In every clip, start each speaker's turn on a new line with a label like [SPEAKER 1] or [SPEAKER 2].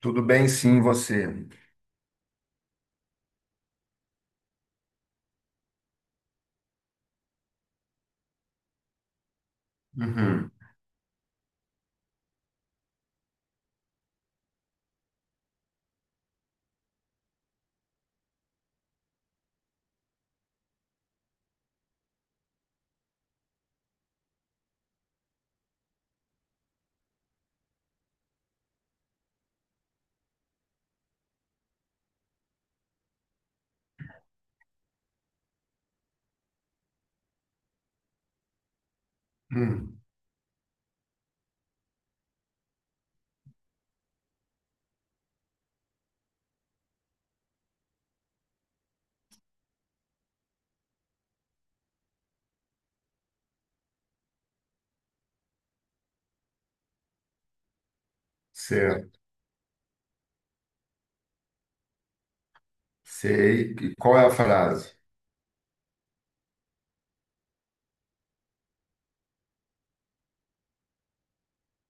[SPEAKER 1] Tudo bem, sim, você. Uhum. Hum. Certo. Sei. E qual é a frase?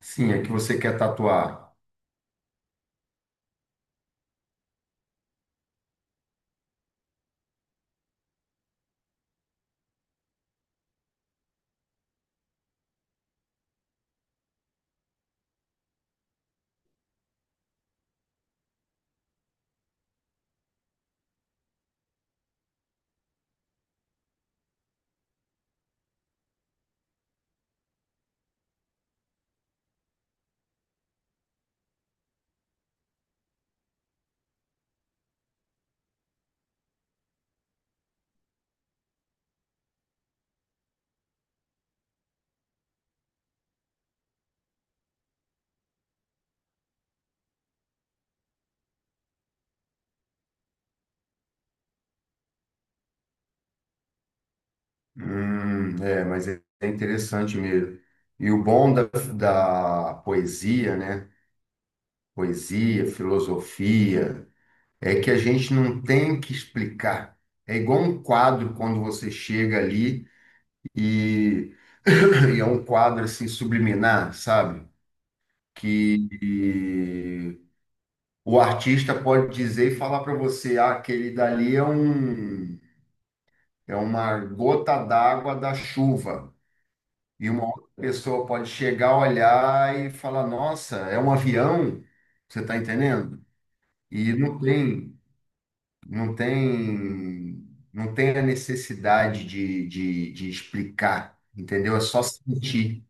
[SPEAKER 1] Sim, é que você quer tatuar. É, mas é interessante mesmo. E o bom da poesia, né? Poesia, filosofia, é que a gente não tem que explicar. É igual um quadro quando você chega ali e, e é um quadro assim subliminar, sabe? Que O artista pode dizer e falar para você, ah, aquele dali é um, é uma gota d'água da chuva. E uma outra pessoa pode chegar, olhar e falar, nossa, é um avião. Você está entendendo? E não tem, não tem, não tem a necessidade de explicar, entendeu? É só sentir.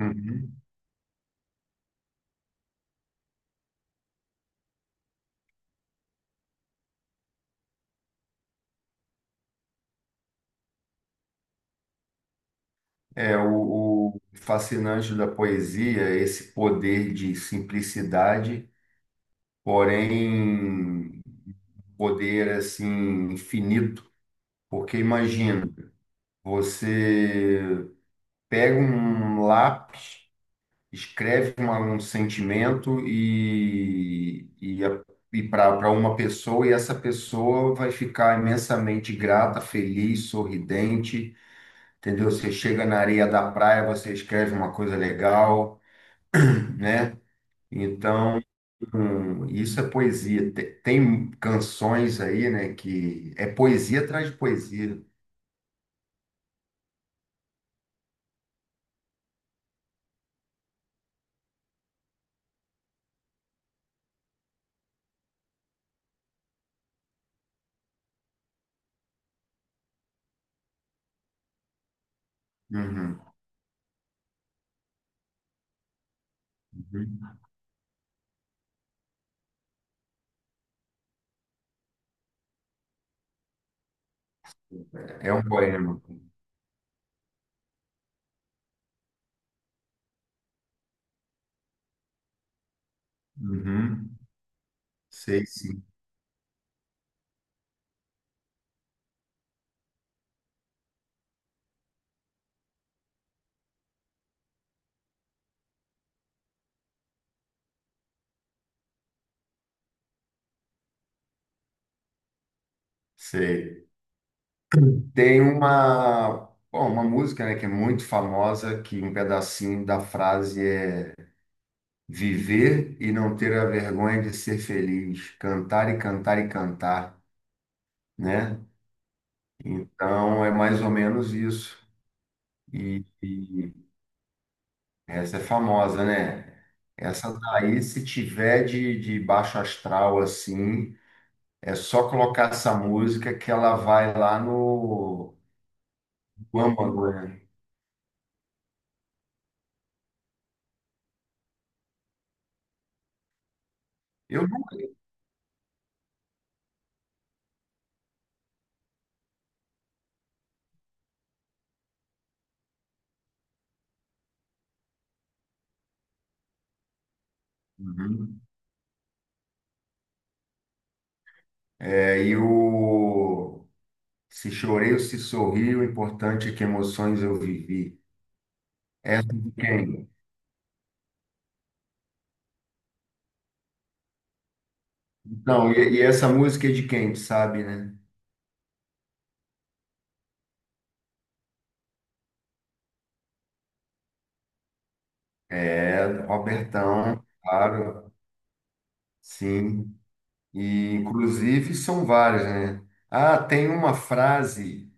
[SPEAKER 1] Uhum. É o fascinante da poesia, é esse poder de simplicidade porém poder assim infinito, porque imagina, você pega um lápis, escreve um sentimento e para uma pessoa, e essa pessoa vai ficar imensamente grata, feliz, sorridente, entendeu? Você chega na areia da praia, você escreve uma coisa legal, né? Então, isso é poesia. Tem canções aí, né, que é poesia atrás de poesia. Uhum, uhum. É um poema. Uhum. Sei, sim. Sei. Tem uma, bom, uma música, né, que é muito famosa, que um pedacinho da frase é viver e não ter a vergonha de ser feliz, cantar e cantar e cantar, né? Então é mais ou menos isso. E, essa é famosa, né? Essa daí, se tiver de baixo astral assim, é só colocar essa música que ela vai lá no âmago, né? Eu nunca. Uhum. É, e o se chorei ou se sorri, o importante é que emoções eu vivi. Essa é de quem? Então, e essa música é de quem, tu sabe, né? É, Robertão, claro, sim. E, inclusive, são várias, né? Ah, tem uma frase.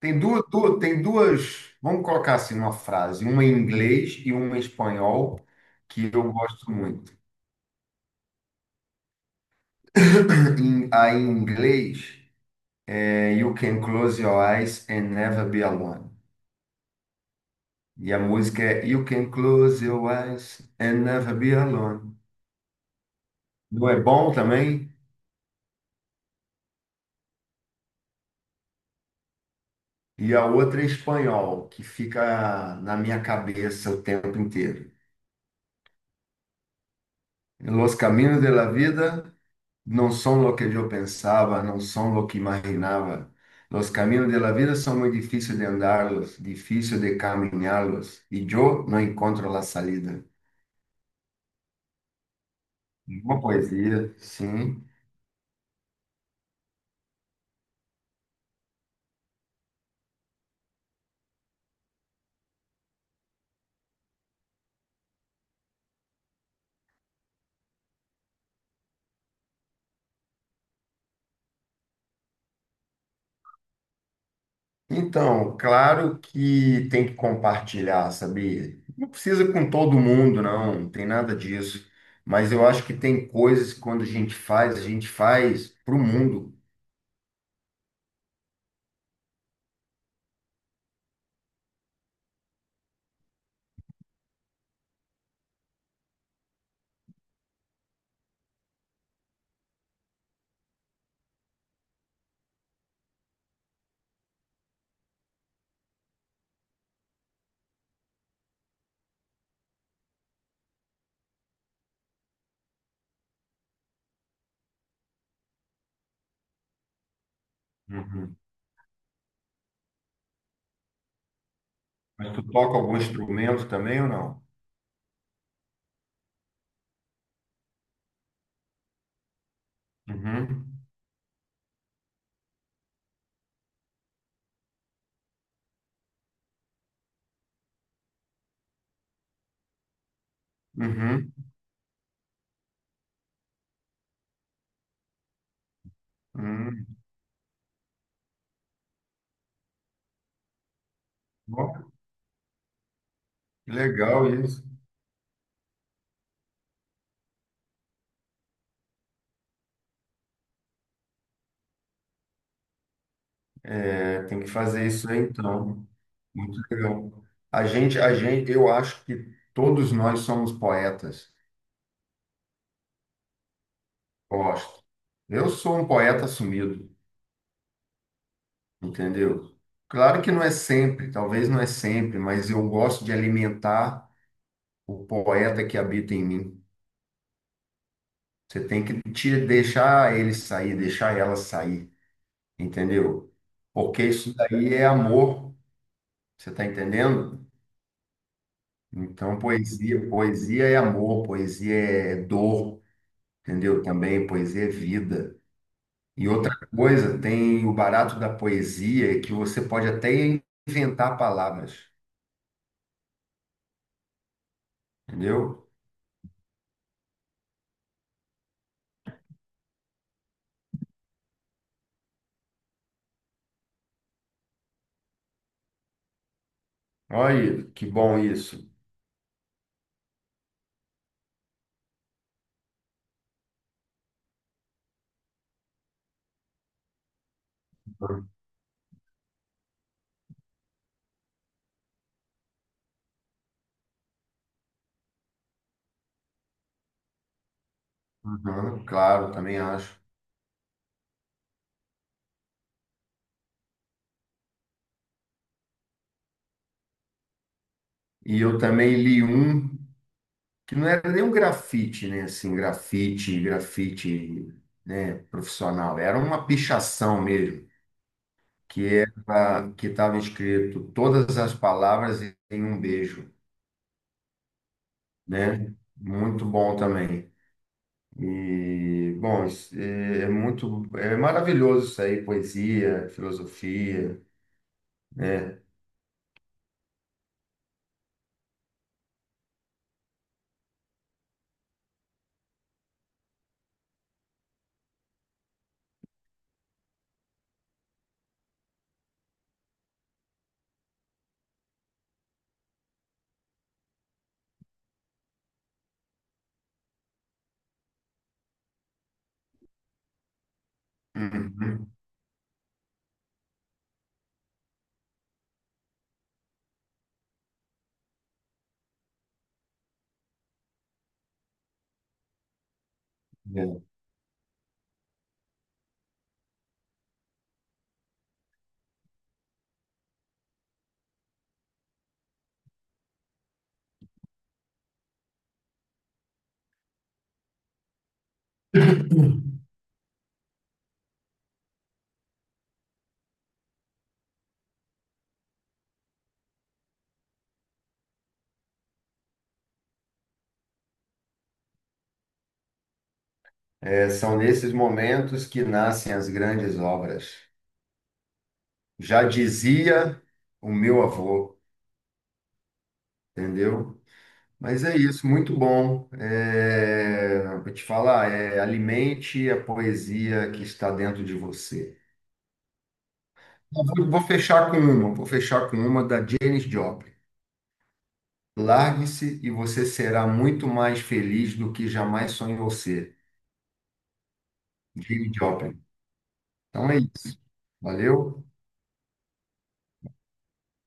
[SPEAKER 1] Tem duas. Vamos colocar assim uma frase, uma em inglês e uma em espanhol, que eu gosto muito. Em, a em inglês é You Can Close Your Eyes and Never Be Alone. E a música é You Can Close Your Eyes and Never Be Alone. Não é bom também? E a outra é em espanhol, que fica na minha cabeça o tempo inteiro. Los caminos de la vida não são lo que eu pensava, não são lo que imaginava. Los caminos de la vida são muito difíceis de andarlos, difícil de caminhá-los, e eu não encontro a salida. Uma poesia, sim. Então, claro que tem que compartilhar, sabia? Não precisa com todo mundo, não, não tem nada disso. Mas eu acho que tem coisas que quando a gente faz para o mundo. Uhum. Mas tu toca algum instrumento também ou não? Uhum, uhum, uhum. Ó, que legal isso. É, tem que fazer isso aí, então. Muito legal. A gente, eu acho que todos nós somos poetas. Gosto. Eu sou um poeta assumido, entendeu? Claro que não é sempre, talvez não é sempre, mas eu gosto de alimentar o poeta que habita em mim. Você tem que te deixar ele sair, deixar ela sair, entendeu? Porque isso daí é amor. Você está entendendo? Então, poesia, poesia é amor, poesia é dor, entendeu? Também poesia é vida. E outra coisa, tem o barato da poesia é que você pode até inventar palavras, entendeu? Olha, que bom isso. Uhum, claro, também acho. E eu também li um que não era nem um grafite, né? Assim, grafite, grafite, né? Profissional. Era uma pichação mesmo. Que era, que estava escrito todas as palavras em um beijo, né? Muito bom também. E, bom, isso é muito, é maravilhoso isso aí, poesia, filosofia, né? Uhum. É, são nesses momentos que nascem as grandes obras. Já dizia o meu avô, entendeu? Mas é isso, muito bom. É, vou te falar, é, alimente a poesia que está dentro de você. Eu Vou, vou fechar com uma, vou fechar com uma da Janis Joplin. Largue-se e você será muito mais feliz do que jamais sonhou ser. Janis Joplin. Então é isso. Valeu.